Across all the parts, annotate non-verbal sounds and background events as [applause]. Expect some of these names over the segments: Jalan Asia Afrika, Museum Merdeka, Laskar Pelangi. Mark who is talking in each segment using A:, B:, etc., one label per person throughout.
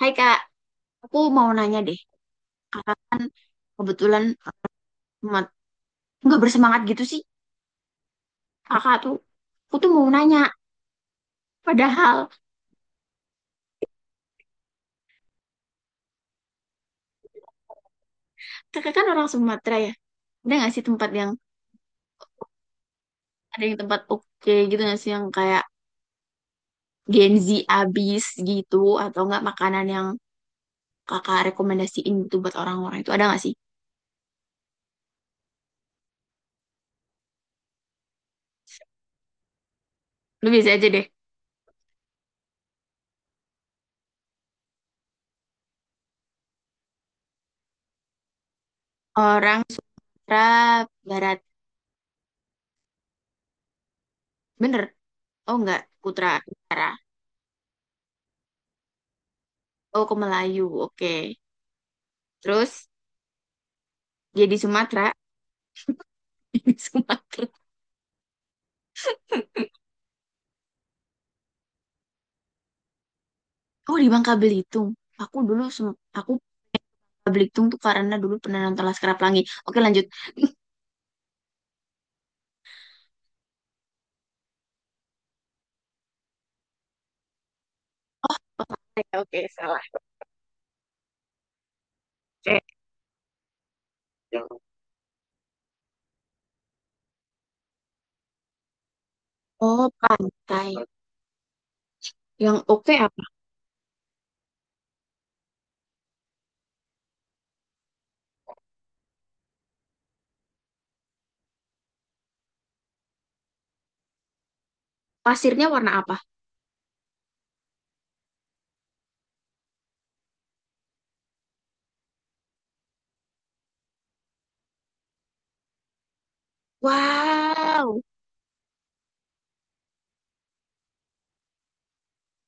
A: Hai Kak, aku mau nanya deh. Kakak kebetulan amat nggak bersemangat gitu sih. Kakak tuh, aku tuh mau nanya. Padahal kakak kan orang Sumatera ya. Ada nggak sih tempat yang ada yang tempat oke gitu nggak sih yang kayak Gen Z abis gitu atau nggak makanan yang kakak rekomendasiin gitu buat orang-orang itu ada nggak sih? Lu biasa aja deh. Orang Sumatera Barat, bener? Oh nggak, Putra Utara. Oh ke Melayu, oke. Terus jadi Sumatera, [laughs] Sumatera. Oh di Bangka Belitung. Aku Bangka Belitung tuh karena dulu pernah nonton Laskar Pelangi. Oke lanjut. [laughs] Oke, oke, salah. Oke. Oh pantai. Yang oke apa? Pasirnya warna apa? Wow.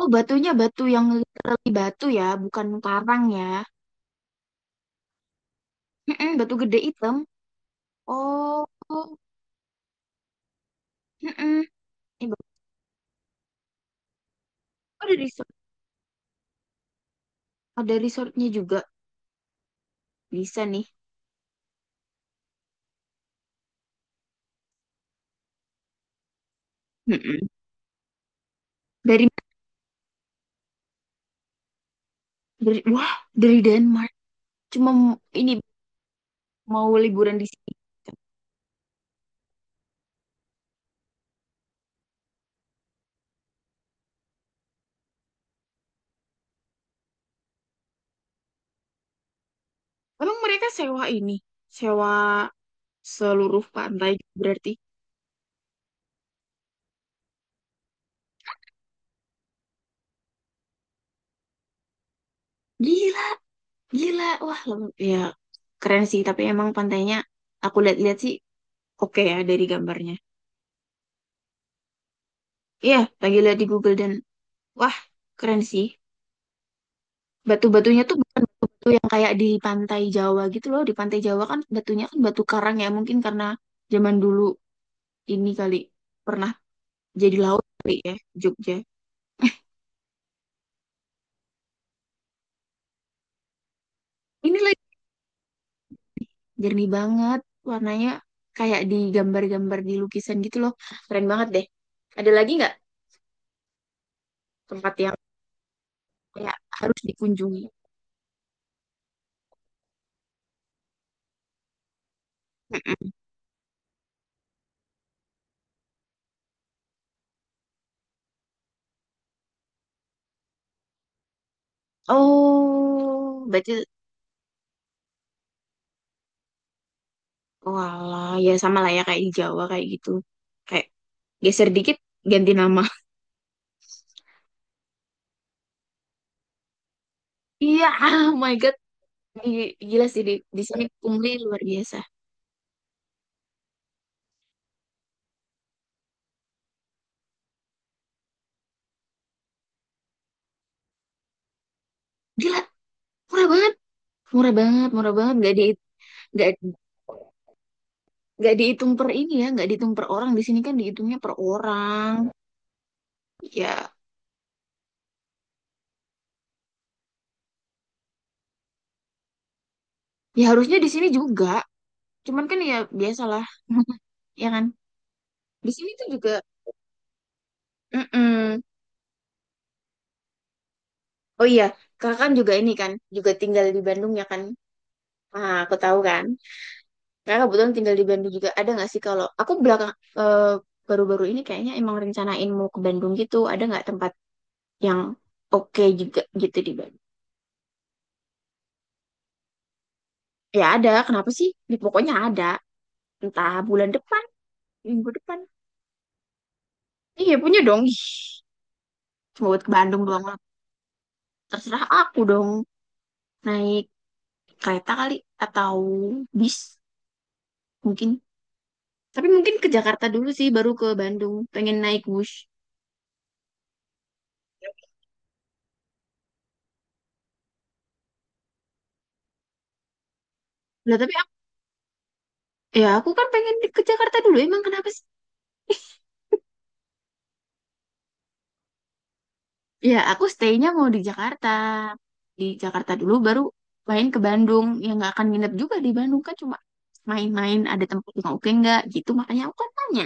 A: Oh batunya batu yang literally batu ya, bukan karang ya. Mm-mm, batu gede hitam. Oh. Mm-mm. Eh, bagus. Oh, ada resort, ada resortnya juga. Bisa nih. Mm-mm. Dari, wah, dari Denmark. Cuma ini mau liburan di sini. Emang mereka sewa ini, sewa seluruh pantai berarti. Gila, gila. Wah, ya keren sih, tapi emang pantainya aku lihat-lihat sih oke ya dari gambarnya. Iya, lagi lihat di Google dan wah, keren sih. Batu-batunya tuh bukan batu yang kayak di pantai Jawa gitu loh. Di pantai Jawa kan batunya kan batu karang ya, mungkin karena zaman dulu ini kali pernah jadi laut kali ya Jogja. [laughs] Ini lagi jernih banget warnanya, kayak di gambar-gambar di lukisan gitu loh, keren banget deh. Ada lagi nggak tempat yang kayak harus dikunjungi? Mm-mm. Oh berarti, walah ya sama lah ya kayak di Jawa kayak gitu, kayak geser dikit ganti nama. [laughs] Iya, oh my god. Gila sih di sini pungli luar biasa, gila. Murah banget murah banget murah banget, nggak nggak dihitung per ini ya, nggak dihitung per orang. Di sini kan dihitungnya per orang ya. Ya harusnya di sini juga. Cuman kan ya biasalah, [laughs] ya kan? Di sini tuh juga. Mm-mm. Oh iya, kakak kan juga ini kan, juga tinggal di Bandung ya kan? Ah, aku tahu kan. Kakak kebetulan tinggal di Bandung juga. Ada nggak sih kalau aku belakang, eh, baru-baru ini kayaknya emang rencanain mau ke Bandung gitu. Ada nggak tempat yang oke juga gitu di Bandung? Ya ada. Kenapa sih? Di pokoknya ada. Entah bulan depan, minggu depan. Iya punya dong. Ih, cuma buat ke Bandung doang, lah. Terserah aku dong. Naik kereta kali atau bis mungkin, tapi mungkin ke Jakarta dulu sih baru ke Bandung, pengen naik bus. Nah tapi aku, ya aku kan pengen ke Jakarta dulu, emang kenapa sih? Ya aku stay-nya mau di Jakarta, di Jakarta dulu baru main ke Bandung. Ya nggak akan nginep juga di Bandung kan, cuma main-main, ada tempat yang oke nggak gitu, makanya aku kan tanya.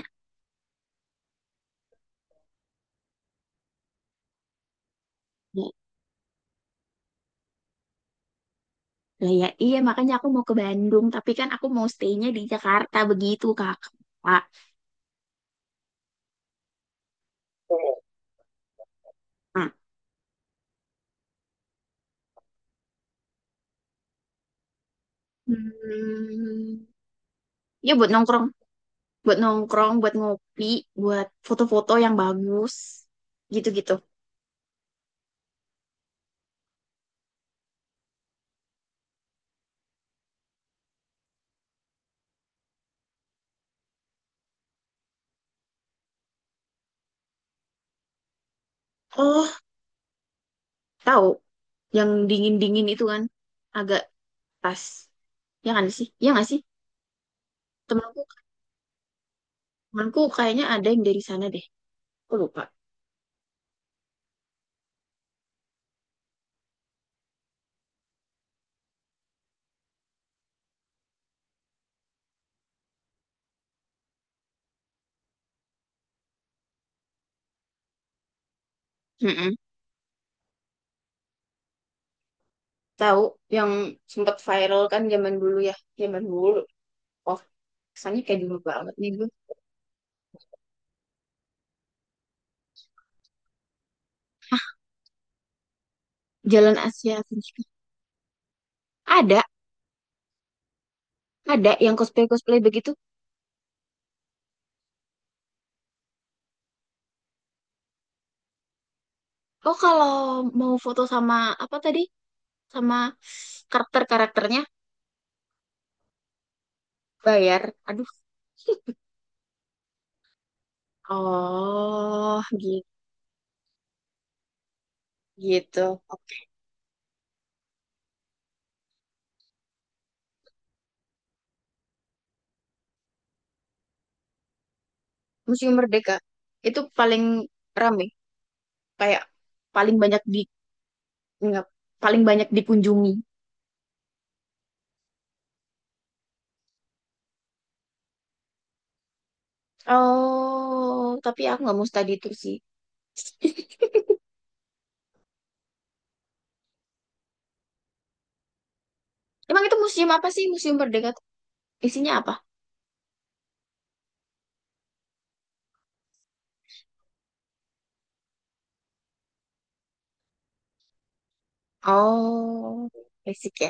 A: Ya, lah ya iya, makanya aku mau ke Bandung tapi kan aku mau stay-nya di Jakarta, begitu Kak. Kak. Nah, hmm, ya buat nongkrong, buat ngopi, buat foto-foto yang bagus, gitu-gitu. Oh, tahu yang dingin-dingin itu kan agak pas. Ya kan sih? Ya nggak sih? Temanku, temanku kayaknya ada yang dari sana deh. Aku lupa. Mm-mm. Tahu yang sempat viral kan zaman dulu ya, zaman dulu. Oh, kesannya kayak dulu banget nih gue. Jalan Asia Afrika. Ada, ada yang cosplay-cosplay begitu. Oh, kalau mau foto sama apa tadi? Sama karakter-karakternya. Bayar. Aduh. Oh, gi- gitu. Oke. Museum Merdeka itu paling rame, kayak paling banyak di nggak, paling banyak dikunjungi. Oh, tapi aku nggak mau study tour sih. Emang itu museum apa sih? Museum Merdeka tuh isinya apa? Oh, basic ya,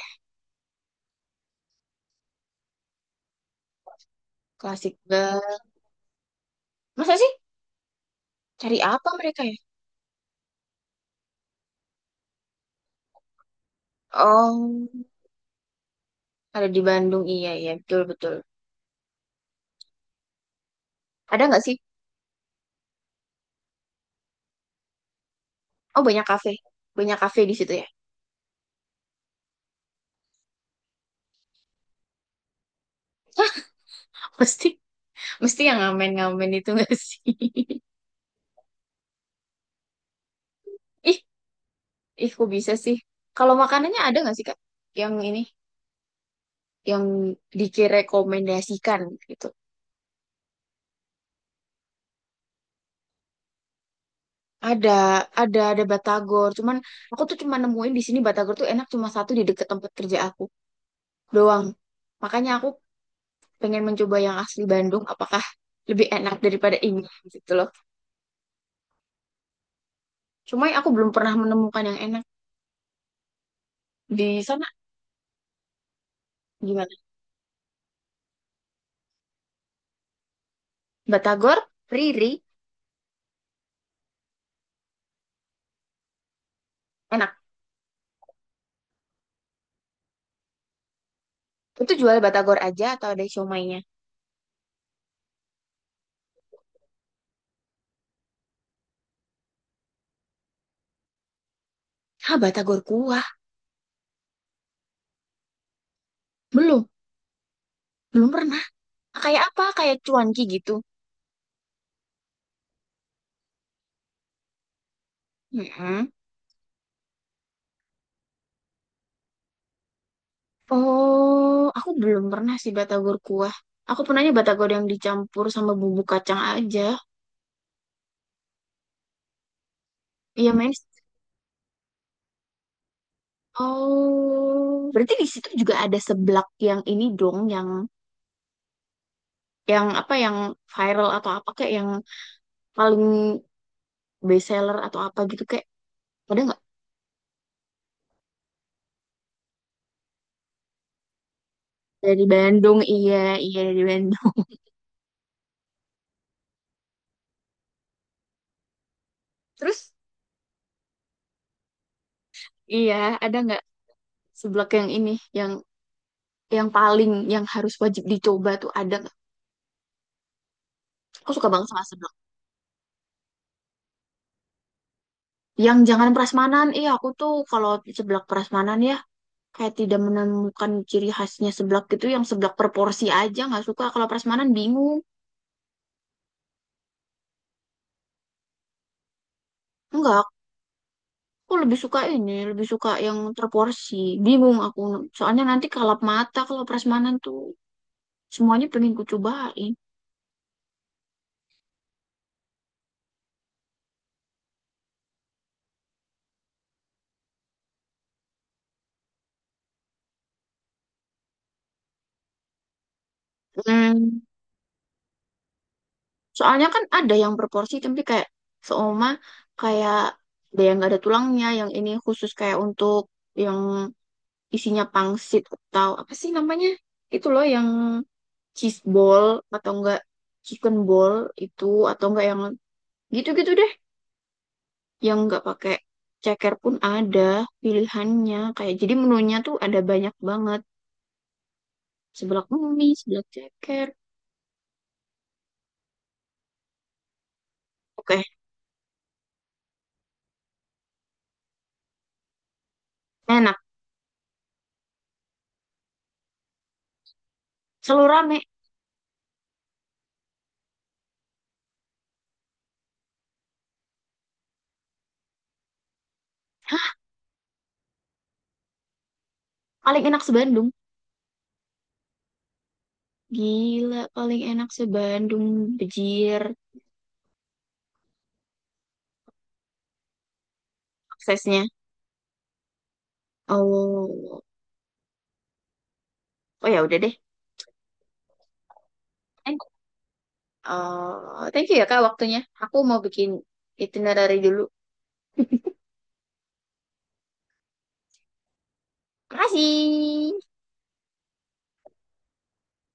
A: klasik banget. Masa sih? Cari apa mereka ya? Oh, ada di Bandung. Iya, iya, betul, betul. Ada nggak sih? Oh, banyak kafe. Banyak kafe di situ ya. [laughs] Pasti. Mesti yang ngamen-ngamen itu nggak sih? [laughs] Ih, ih kok bisa sih? Kalau makanannya ada nggak sih, Kak? Yang ini, yang dikirekomendasikan gitu. Ada, ada batagor. Cuman aku tuh cuma nemuin di sini batagor tuh enak cuma satu, di deket tempat kerja aku doang. Makanya aku pengen mencoba yang asli Bandung. Apakah lebih enak daripada ini gitu loh. Cuma aku belum pernah menemukan yang enak di sana. Gimana? Batagor, Riri, enak. Itu jual batagor aja atau ada siomaynya? Ah, batagor kuah. Belum, belum pernah. Kayak apa? Kayak cuanki gitu. Mm-mm. Oh, aku belum pernah sih batagor kuah. Aku pernahnya batagor yang dicampur sama bumbu kacang aja. Iya, Mas. Oh, berarti di situ juga ada seblak yang ini dong, yang apa yang viral atau apa kayak yang paling best seller atau apa gitu, kayak ada nggak dari Bandung? Iya, iya dari Bandung. [laughs] Terus iya, ada nggak seblak yang ini, yang yang paling yang harus wajib dicoba tuh, ada nggak? Aku suka banget sama seblak. Yang jangan prasmanan, iya aku tuh kalau seblak prasmanan ya kayak tidak menemukan ciri khasnya seblak gitu. Yang seblak per aja nggak suka. Kalau prasmanan bingung. Enggak, aku lebih suka ini, lebih suka yang terporsi. Bingung aku. Soalnya nanti kalap mata kalau prasmanan tuh, semuanya pengen ku cobain. Hmm. Soalnya kan ada yang berporsi tapi kayak seoma, kayak ada yang nggak ada tulangnya, yang ini khusus kayak untuk yang isinya pangsit atau apa sih namanya? Itu loh yang cheese ball atau enggak chicken ball itu, atau enggak yang gitu-gitu deh. Yang nggak pakai ceker pun ada pilihannya. Kayak jadi menunya tuh ada banyak banget. Seblak mie, seblak ceker. Oke, enak. Selalu rame. Paling enak se-Bandung. Gila, paling enak se-Bandung, Bejir, aksesnya. Oh, oh ya udah deh. Thank thank you ya Kak, waktunya. Aku mau bikin itinerary dulu. Makasih.